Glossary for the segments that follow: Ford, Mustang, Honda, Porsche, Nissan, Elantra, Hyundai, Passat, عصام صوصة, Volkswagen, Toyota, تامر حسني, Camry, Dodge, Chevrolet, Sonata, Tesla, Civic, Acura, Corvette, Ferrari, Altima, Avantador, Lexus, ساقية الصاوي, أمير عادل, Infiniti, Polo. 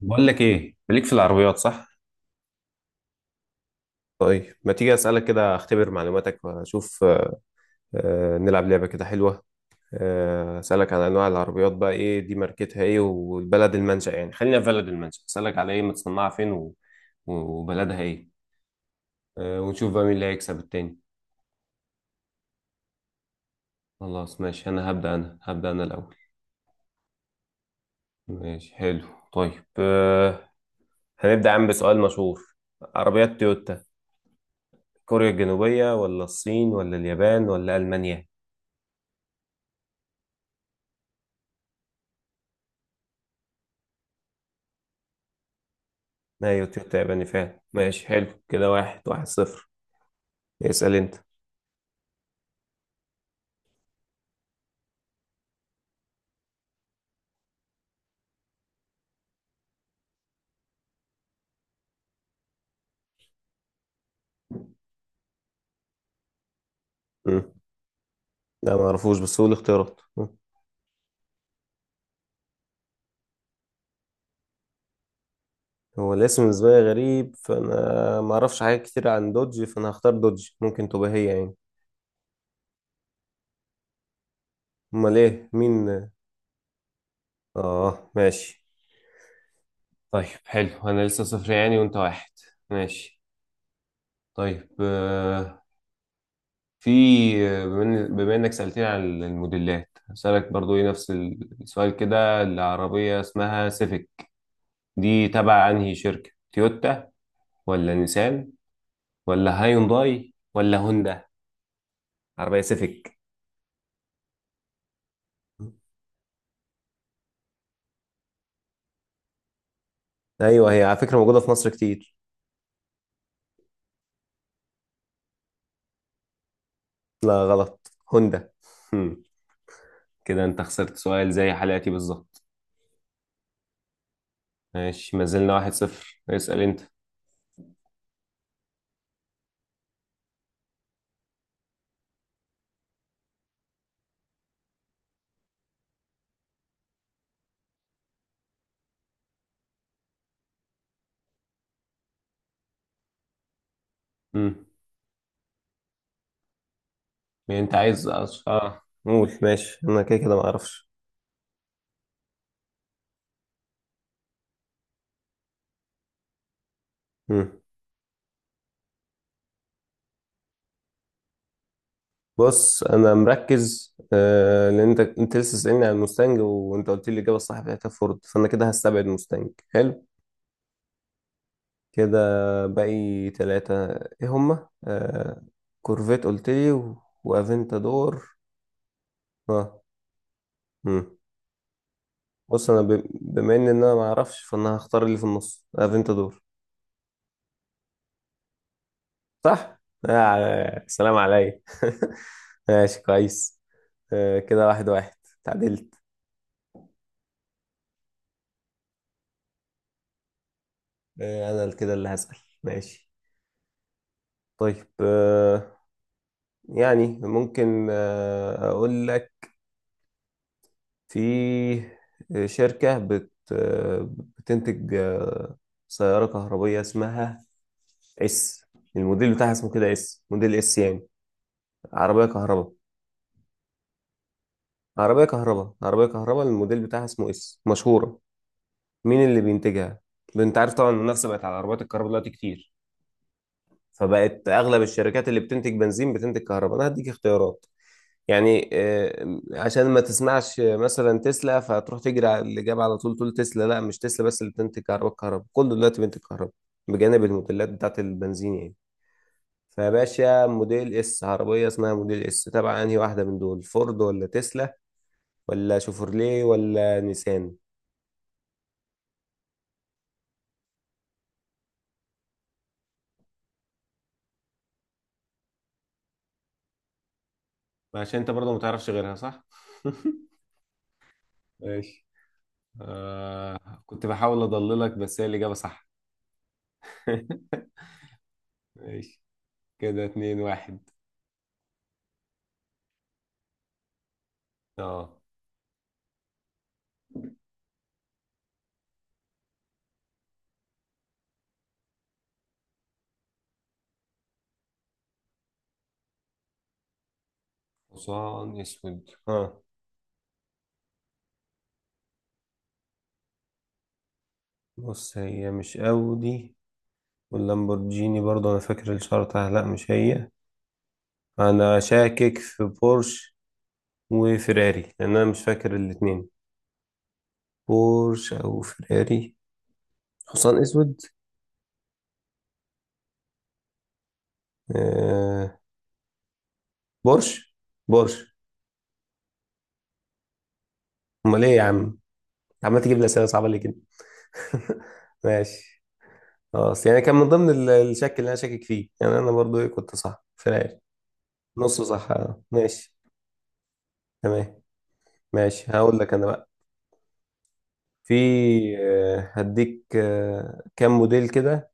بقول لك ايه ليك في العربيات صح؟ طيب ما تيجي أسألك كده أختبر معلوماتك وأشوف. نلعب لعبة كده حلوة. أسألك عن أنواع العربيات، بقى إيه دي ماركتها إيه والبلد المنشأ، يعني خلينا في بلد المنشأ أسألك على إيه متصنعة فين و... و- وبلدها إيه. ونشوف بقى مين اللي هيكسب التاني. خلاص ماشي، أنا هبدأ أنا الأول. ماشي حلو طيب. هنبدأ عم بسؤال مشهور. عربيات تويوتا، كوريا الجنوبية ولا الصين ولا اليابان ولا ألمانيا؟ ايوه تويوتا ياباني فعلا، ماشي حلو كده، واحد واحد صفر. اسأل انت. مم. لا ما اعرفوش، بس هو الاختيارات. مم. هو الاسم بالنسبة لي غريب، فانا ما اعرفش حاجات كتير عن دوج، فانا هختار دوج، ممكن تبقى هي يعني. امال ايه مين؟ اه ماشي. طيب حلو، انا لسه صفر يعني وانت واحد. ماشي. طيب في، بما انك سألتني عن الموديلات هسألك برضو ايه نفس السؤال كده، العربية اسمها سيفيك دي تبع انهي شركة، تويوتا ولا نيسان ولا هايونداي ولا هوندا؟ عربية سيفيك، ايوه هي على فكرة موجودة في مصر كتير. لا غلط، هوندا. هم، كده انت خسرت سؤال زي حلقتي بالظبط. ماشي ما زلنا واحد صفر، اسأل انت. هم. اه قول ماشي، انا كده كده ما اعرفش. هم. بص انا مركز آه، لان انت لسه سألني عن المستنج وانت قلت لي الاجابه الصح بتاعتها فورد، فانا كده هستبعد مستنج. حلو كده. باقي تلاتة ايه هما؟ آه، كورفيت قلتلي و... وافنتادور. اه. مم. بما ان انا ما اعرفش، فانا هختار اللي في النص، افنتادور. صح. آه سلام عليا. ماشي كويس. آه كده واحد واحد، تعدلت. انا كده اللي هسأل. ماشي. طيب يعني ممكن اقول لك، في آه، شركة بت آه، بتنتج سيارة كهربية اسمها اس، الموديل بتاعها اسمه كده اس، موديل اس يعني. عربية كهرباء، عربية كهرباء الموديل بتاعها اسمه اس، مشهورة. مين اللي بينتجها؟ انت عارف طبعا المنافسة بقت على عربيات الكهرباء دلوقتي كتير، فبقت اغلب الشركات اللي بتنتج بنزين بتنتج كهرباء. انا هديك اختيارات يعني، عشان ما تسمعش مثلا تسلا فتروح تجري على الاجابه على طول تقول تسلا. لا مش تسلا، بس اللي بتنتج كهرباء. كله دلوقتي بينتج كهرباء بجانب الموديلات بتاعت البنزين يعني. فباشا موديل اس، عربيه اسمها موديل اس، تبع انهي واحده من دول، فورد ولا تسلا ولا شوفرليه ولا نيسان؟ عشان انت برضه ما تعرفش غيرها صح. ماشي. آه كنت بحاول اضللك بس هي الاجابه صح. ماشي، كده اتنين واحد. اه، حصان اسود، ها. بص هي مش اودي، واللامبورجيني برضه انا فاكر الاشاره بتاعها لا مش هي. انا شاكك في بورش وفيراري لان انا مش فاكر الاتنين. بورش او فيراري، حصان اسود. آه، بورش. بورش. امال ايه يا عم؟ عمال تجيب لي اسئله صعبه ليه كده؟ ماشي خلاص، يعني كان من ضمن الشك اللي انا شاكك فيه يعني، انا برضو ايه كنت صح، فيراري. نص صح آه. ماشي. تمام. ماشي هقول لك انا بقى. في، هديك كام موديل كده،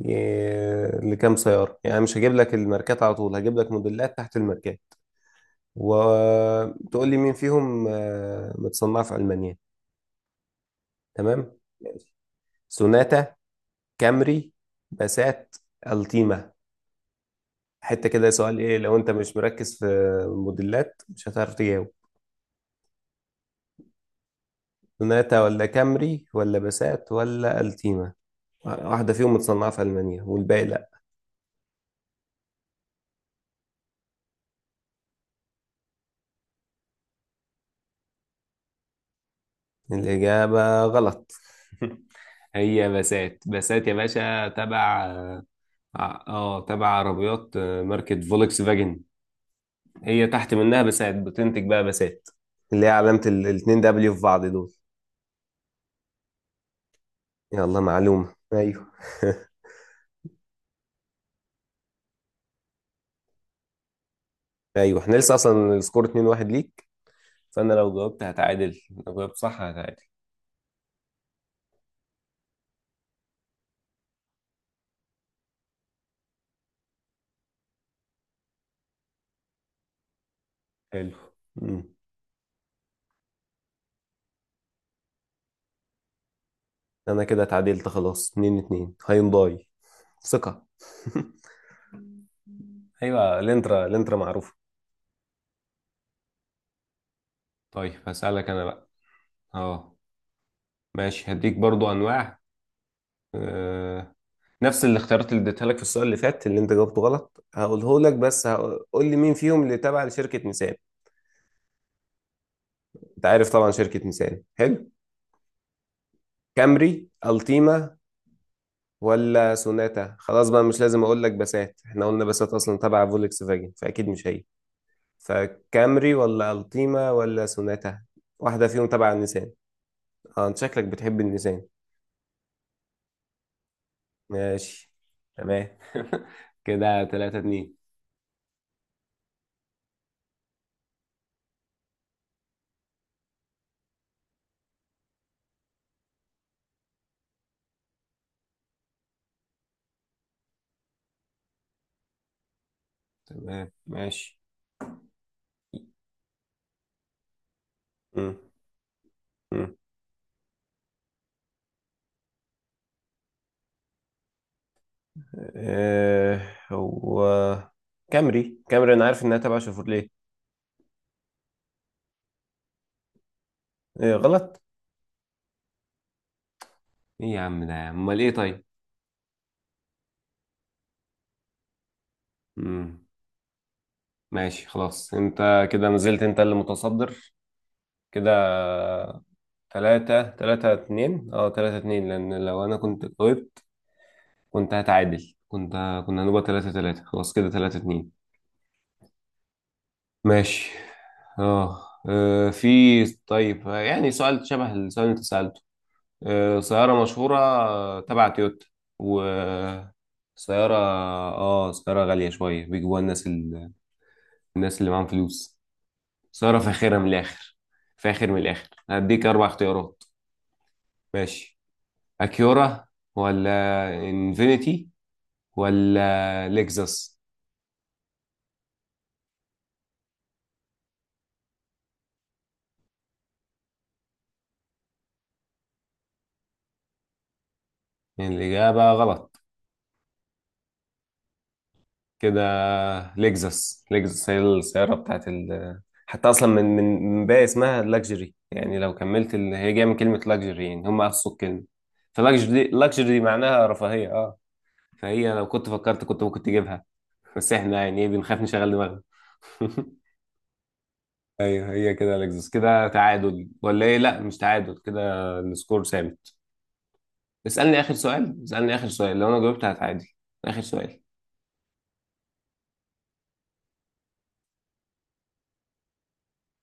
ي- لكام سيارة يعني. مش هجيب لك الماركات على طول، هجيب لك موديلات تحت الماركات، وتقول لي مين فيهم متصنعة في ألمانيا. تمام ماشي. سوناتا، كامري، باسات، التيما. حتة كده سؤال ايه، لو انت مش مركز في موديلات مش هتعرف تجاوب. سوناتا ولا كامري ولا باسات ولا التيما، واحدة فيهم متصنعة في ألمانيا والباقي. الإجابة غلط. هي بسات، بسات يا باشا، تبع اه، تبع عربيات ماركة فولكس فاجن. هي تحت منها بسات، بتنتج بقى بسات اللي هي علامة الاتنين دبليو في بعض دول. يلا معلومة ايوه. ايوه احنا لسه اصلا السكور 2-1 ليك، فانا لو جاوبت هتعادل. لو جاوبت صح هتعادل. حلو. مم. انا كده اتعادلت خلاص، 2-2، هيونداي، ثقة. ايوه الانترا، الانترا معروفة. طيب هسألك انا بقى. اه ماشي، هديك برضو انواع آه. نفس الاختيارات اللي اديتها لك في السؤال اللي فات اللي انت جاوبته غلط هقوله لك، بس هقول لي مين فيهم اللي تابع لشركة نيسان. انت عارف طبعا شركة نيسان، حلو. كامري، التيما، ولا سوناتا. خلاص بقى مش لازم اقول لك بسات، احنا قلنا بسات اصلا تبع فولكس فاجن فاكيد مش هي. فكامري ولا التيما ولا سوناتا، واحدة فيهم تبع النيسان. اه انت شكلك بتحب النيسان. ماشي. تمام. كده تلاتة اتنين. تمام ماشي. مم. مم. آه، هو كامري، كامري انا عارف انها تبع شيفروليه. إيه غلط؟ ايه يا عم ده، امال ايه طيب؟ مم. ماشي خلاص، انت كده ما زلت انت اللي متصدر كده، تلاتة تلاتة اتنين. اه تلاتة اتنين، لان لو انا كنت جاوبت كنت هتعادل، كنت كنا هنبقى تلاتة تلاتة، خلاص كده تلاتة اتنين. ماشي. اه في، طيب يعني سؤال شبه السؤال اللي انت سألته، سيارة مشهورة تبع تويوتا، وسيارة اه سيارة غالية شوية بيجيبوها الناس اللي معاهم فلوس، سيارة فاخرة من الآخر. فاخر من الآخر، هديك أربع اختيارات. ماشي. أكيورا ولا إنفينيتي ولا لexus. الإجابة غلط. كده لكزس، لكزس هي السيارة بتاعت ال، حتى أصلا من باقي اسمها لاكجري يعني، لو كملت هي جاية من كلمة لاكجري يعني، هم قصوا الكلمة. فلاكجري، لاكجري معناها رفاهية اه. فهي لو كنت فكرت كنت ممكن تجيبها. بس احنا يعني ايه بنخاف نشغل دماغنا. ايوه هي كده لكزس، كده تعادل ولا ايه؟ لا مش تعادل كده، السكور ثابت. اسألني آخر سؤال، اسألني آخر سؤال، لو أنا جاوبت هتعادل. آخر سؤال.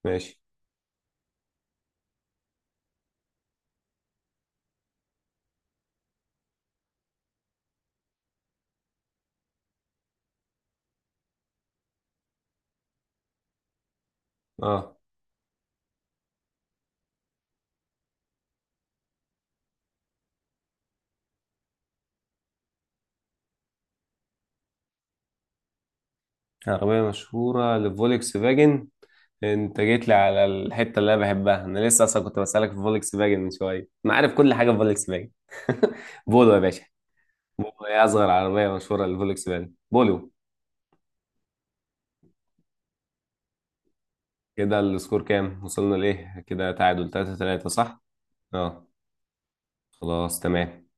ماشي. اه عربية مشهورة لفولكس فاجن، انت جيت لي على الحته اللي انا بحبها، انا لسه اصلا كنت بسالك في فولكس فاجن من شويه، انا عارف كل حاجه في فولكس فاجن. بولو يا باشا. بولو هي اصغر عربيه مشهوره للفولكس فاجن، بولو. كده السكور كام وصلنا لايه، كده تعادل 3 3، صح؟ اه خلاص تمام.